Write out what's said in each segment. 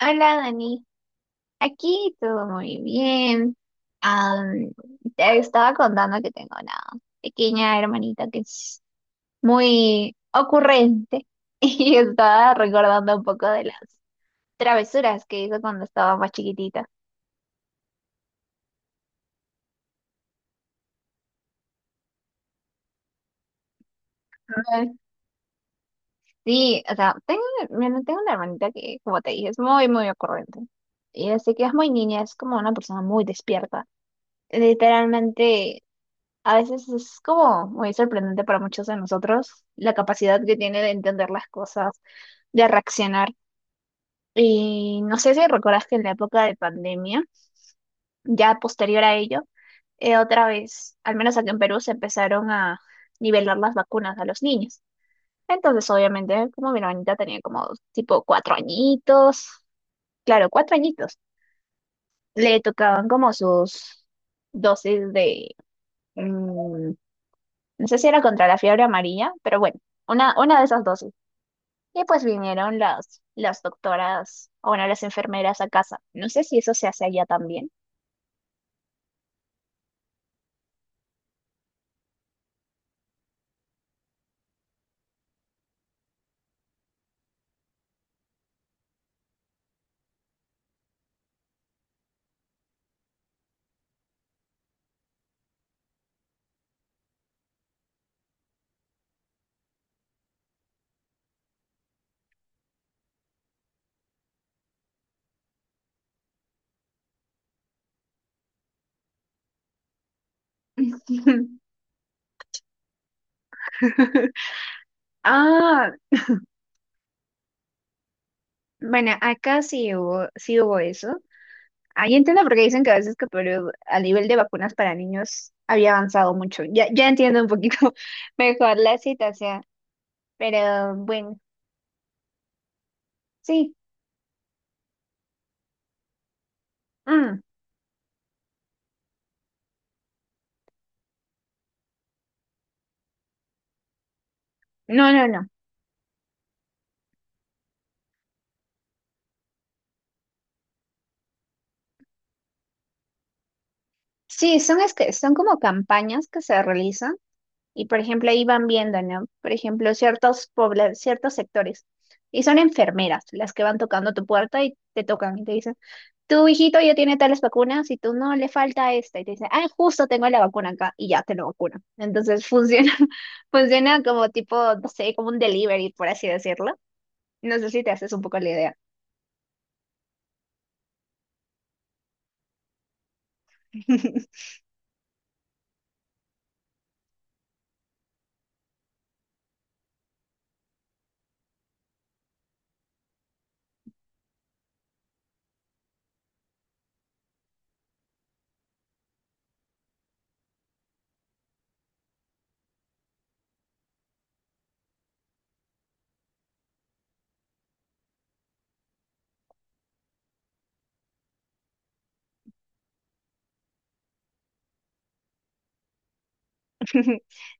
Hola Dani, aquí todo muy bien. Am, Te estaba contando que tengo una pequeña hermanita que es muy ocurrente y estaba recordando un poco de las travesuras que hizo cuando estaba más chiquitita. Ay. Sí, o sea, bueno, tengo una hermanita que, como te dije, es muy, muy ocurrente. Y así que es muy niña, es como una persona muy despierta. Literalmente. A veces es como muy sorprendente para muchos de nosotros la capacidad que tiene de entender las cosas, de reaccionar. Y no sé si recuerdas que en la época de pandemia, ya posterior a ello, otra vez, al menos aquí en Perú, se empezaron a nivelar las vacunas a los niños. Entonces, obviamente, como mi hermanita tenía como tipo cuatro añitos, claro, cuatro añitos, le tocaban como sus dosis de. mm, No sé si era contra la fiebre amarilla, pero bueno, una de esas dosis. Y pues vinieron las doctoras, o bueno, las enfermeras a casa. No sé si eso se hace allá también. Ah, bueno, acá sí hubo, eso. Ahí entiendo por qué dicen que a veces que Perú a nivel de vacunas para niños había avanzado mucho. Ya, ya entiendo un poquito mejor la situación, pero bueno, sí. Mm. No, no, no. Sí, es que, son como campañas que se realizan. Y por ejemplo, ahí van viendo, ¿no? Por ejemplo, ciertos ciertos sectores. Y son enfermeras las que van tocando tu puerta y te tocan y te dicen, tu hijito ya tiene tales vacunas y tú no le falta esta. Y te dicen, ah, justo tengo la vacuna acá y ya te lo vacunan. Entonces funciona, funciona como tipo, no sé, como un delivery, por así decirlo. No sé si te haces un poco la idea.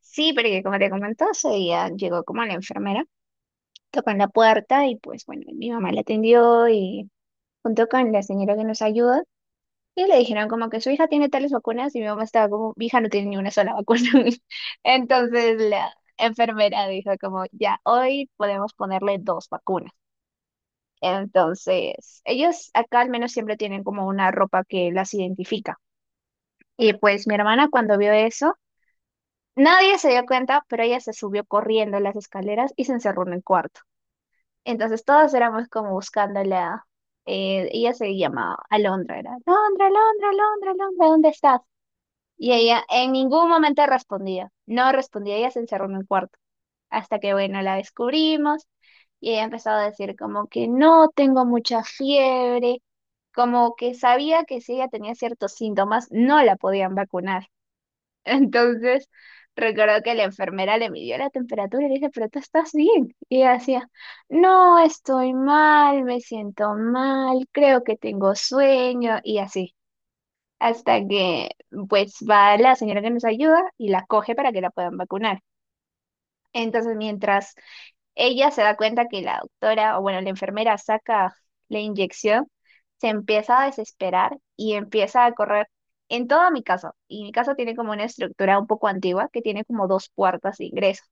Sí, porque como te comentó, ese día llegó como la enfermera, tocó en la puerta y pues bueno, mi mamá la atendió y junto con la señora que nos ayuda, y le dijeron como que su hija tiene tales vacunas y mi mamá estaba como, mi hija no tiene ni una sola vacuna. Entonces la enfermera dijo como, ya, hoy podemos ponerle dos vacunas. Entonces, ellos acá al menos siempre tienen como una ropa que las identifica. Y pues mi hermana cuando vio eso, nadie se dio cuenta, pero ella se subió corriendo las escaleras y se encerró en el cuarto. Entonces todos éramos como buscándola. Ella se llamaba Alondra, era Alondra, Alondra, Alondra, Alondra, ¿dónde estás? Y ella en ningún momento respondía, no respondía, ella se encerró en el cuarto. Hasta que, bueno, la descubrimos y ella empezó a decir como que no tengo mucha fiebre, como que sabía que si ella tenía ciertos síntomas, no la podían vacunar. Entonces, recuerdo que la enfermera le midió la temperatura y le dije, pero tú estás bien. Y ella decía, no, estoy mal, me siento mal, creo que tengo sueño y así. Hasta que pues va la señora que nos ayuda y la coge para que la puedan vacunar. Entonces, mientras ella se da cuenta que la doctora, o bueno, la enfermera saca la inyección, se empieza a desesperar y empieza a correr en toda mi casa. Y mi casa tiene como una estructura un poco antigua que tiene como dos puertas de ingreso.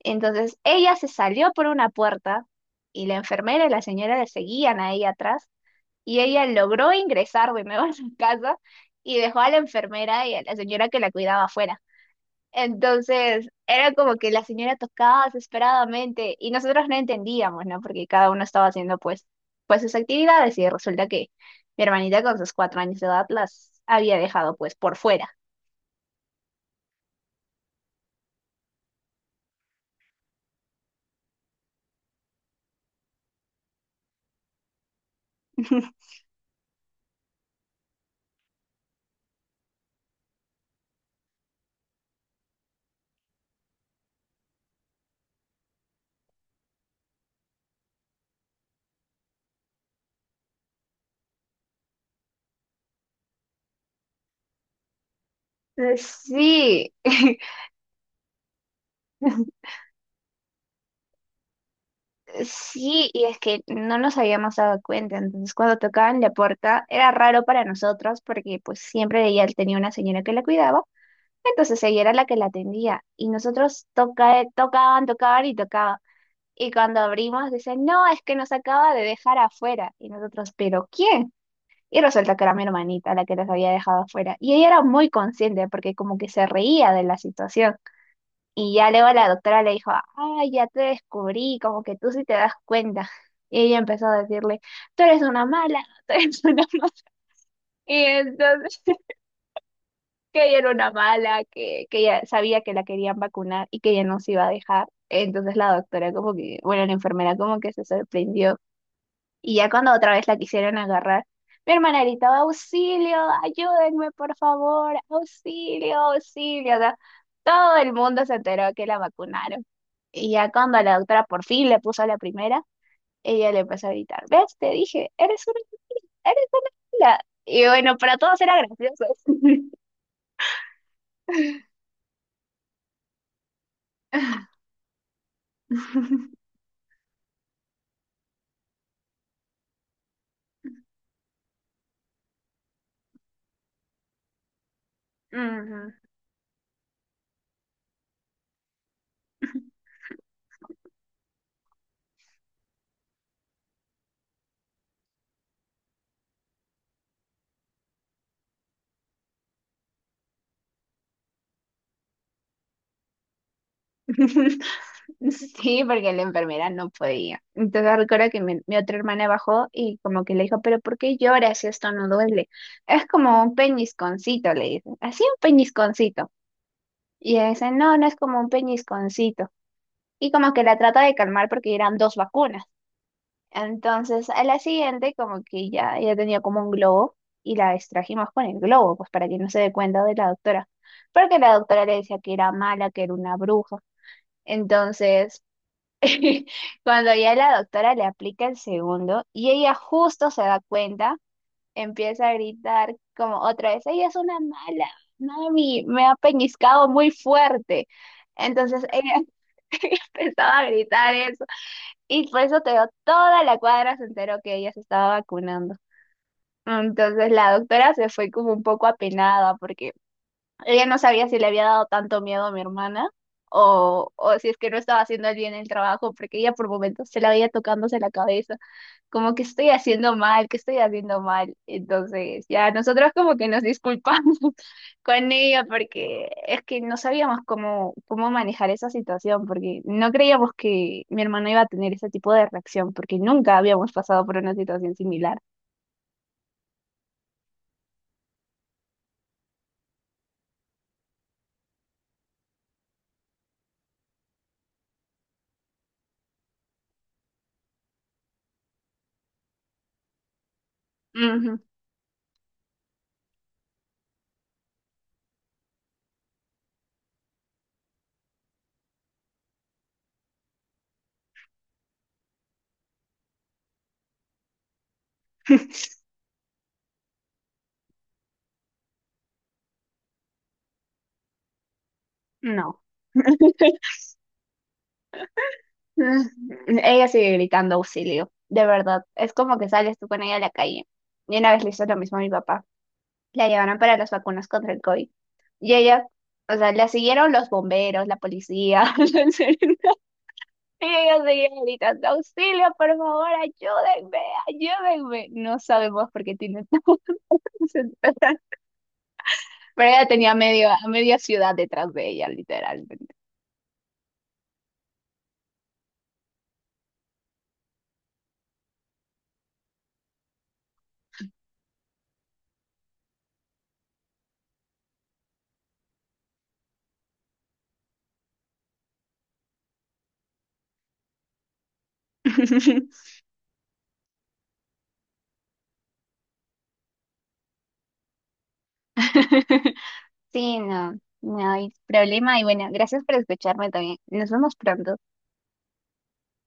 Entonces ella se salió por una puerta y la enfermera y la señora le seguían a ella atrás y ella logró ingresar de nuevo a su casa y dejó a la enfermera y a la señora que la cuidaba afuera. Entonces, era como que la señora tocaba desesperadamente y nosotros no entendíamos, ¿no? Porque cada uno estaba haciendo pues sus actividades y resulta que mi hermanita con sus cuatro años de edad las había dejado pues por fuera. Sí, sí, y es que no nos habíamos dado cuenta. Entonces, cuando tocaban la puerta, era raro para nosotros porque pues siempre ella tenía una señora que la cuidaba. Entonces ella era la que la atendía y nosotros tocaban, tocaban y tocaban. Y cuando abrimos, dicen, no, es que nos acaba de dejar afuera. Y nosotros, ¿pero quién? Y resulta que era mi hermanita la que nos había dejado afuera. Y ella era muy consciente porque como que se reía de la situación. Y ya luego la doctora le dijo, ay, ya te descubrí, como que tú sí te das cuenta. Y ella empezó a decirle, tú eres una mala, tú eres una mala. Y entonces que ella era una mala, que ella sabía que la querían vacunar y que ella no se iba a dejar. Entonces la doctora como que, bueno, la enfermera como que se sorprendió. Y ya cuando otra vez la quisieron agarrar, mi hermana gritaba, auxilio, ayúdenme, por favor, auxilio, auxilio. O sea, todo el mundo se enteró que la vacunaron. Y ya cuando la doctora por fin le puso la primera, ella le empezó a gritar, ¿ves? Te dije, eres una mala". Y bueno, para todos era gracioso. Ujú. Sí, porque la enfermera no podía. Entonces recuerdo que mi otra hermana bajó y como que le dijo, pero ¿por qué lloras si esto no duele? Es como un peñisconcito, le dice. Así un peñisconcito. Y ella dice, no, no es como un peñisconcito. Y como que la trata de calmar porque eran dos vacunas. Entonces a la siguiente como que ya, ella tenía como un globo y la distrajimos con el globo, pues para que no se dé cuenta de la doctora. Porque la doctora le decía que era mala, que era una bruja. Entonces cuando ya la doctora le aplica el segundo y ella justo se da cuenta, empieza a gritar como otra vez, ella es una mala, mami, me ha peñiscado muy fuerte. Entonces ella, ella empezaba a gritar eso y por eso te digo, toda la cuadra se enteró que ella se estaba vacunando. Entonces la doctora se fue como un poco apenada porque ella no sabía si le había dado tanto miedo a mi hermana o si es que no estaba haciendo bien el trabajo, porque ella por momentos se la veía tocándose la cabeza, como que estoy haciendo mal, que estoy haciendo mal. Entonces, ya nosotros como que nos disculpamos con ella porque es que no sabíamos cómo manejar esa situación, porque no creíamos que mi hermana iba a tener ese tipo de reacción, porque nunca habíamos pasado por una situación similar. Ujú. No. Mm, Ella sigue gritando auxilio, de verdad. Es como que sales tú con ella a la calle. Y una vez le hizo lo mismo a mi papá. La llevaron para las vacunas contra el COVID. Y ella, o sea, la siguieron los bomberos, la policía. En serio. Y ella seguía gritando, auxilio, por favor, ayúdenme, ayúdenme. No sabemos por qué tiene tanto. Pero ella tenía a media ciudad detrás de ella, literalmente. Sí, no, no hay problema. Y bueno, gracias por escucharme también. Nos vemos pronto.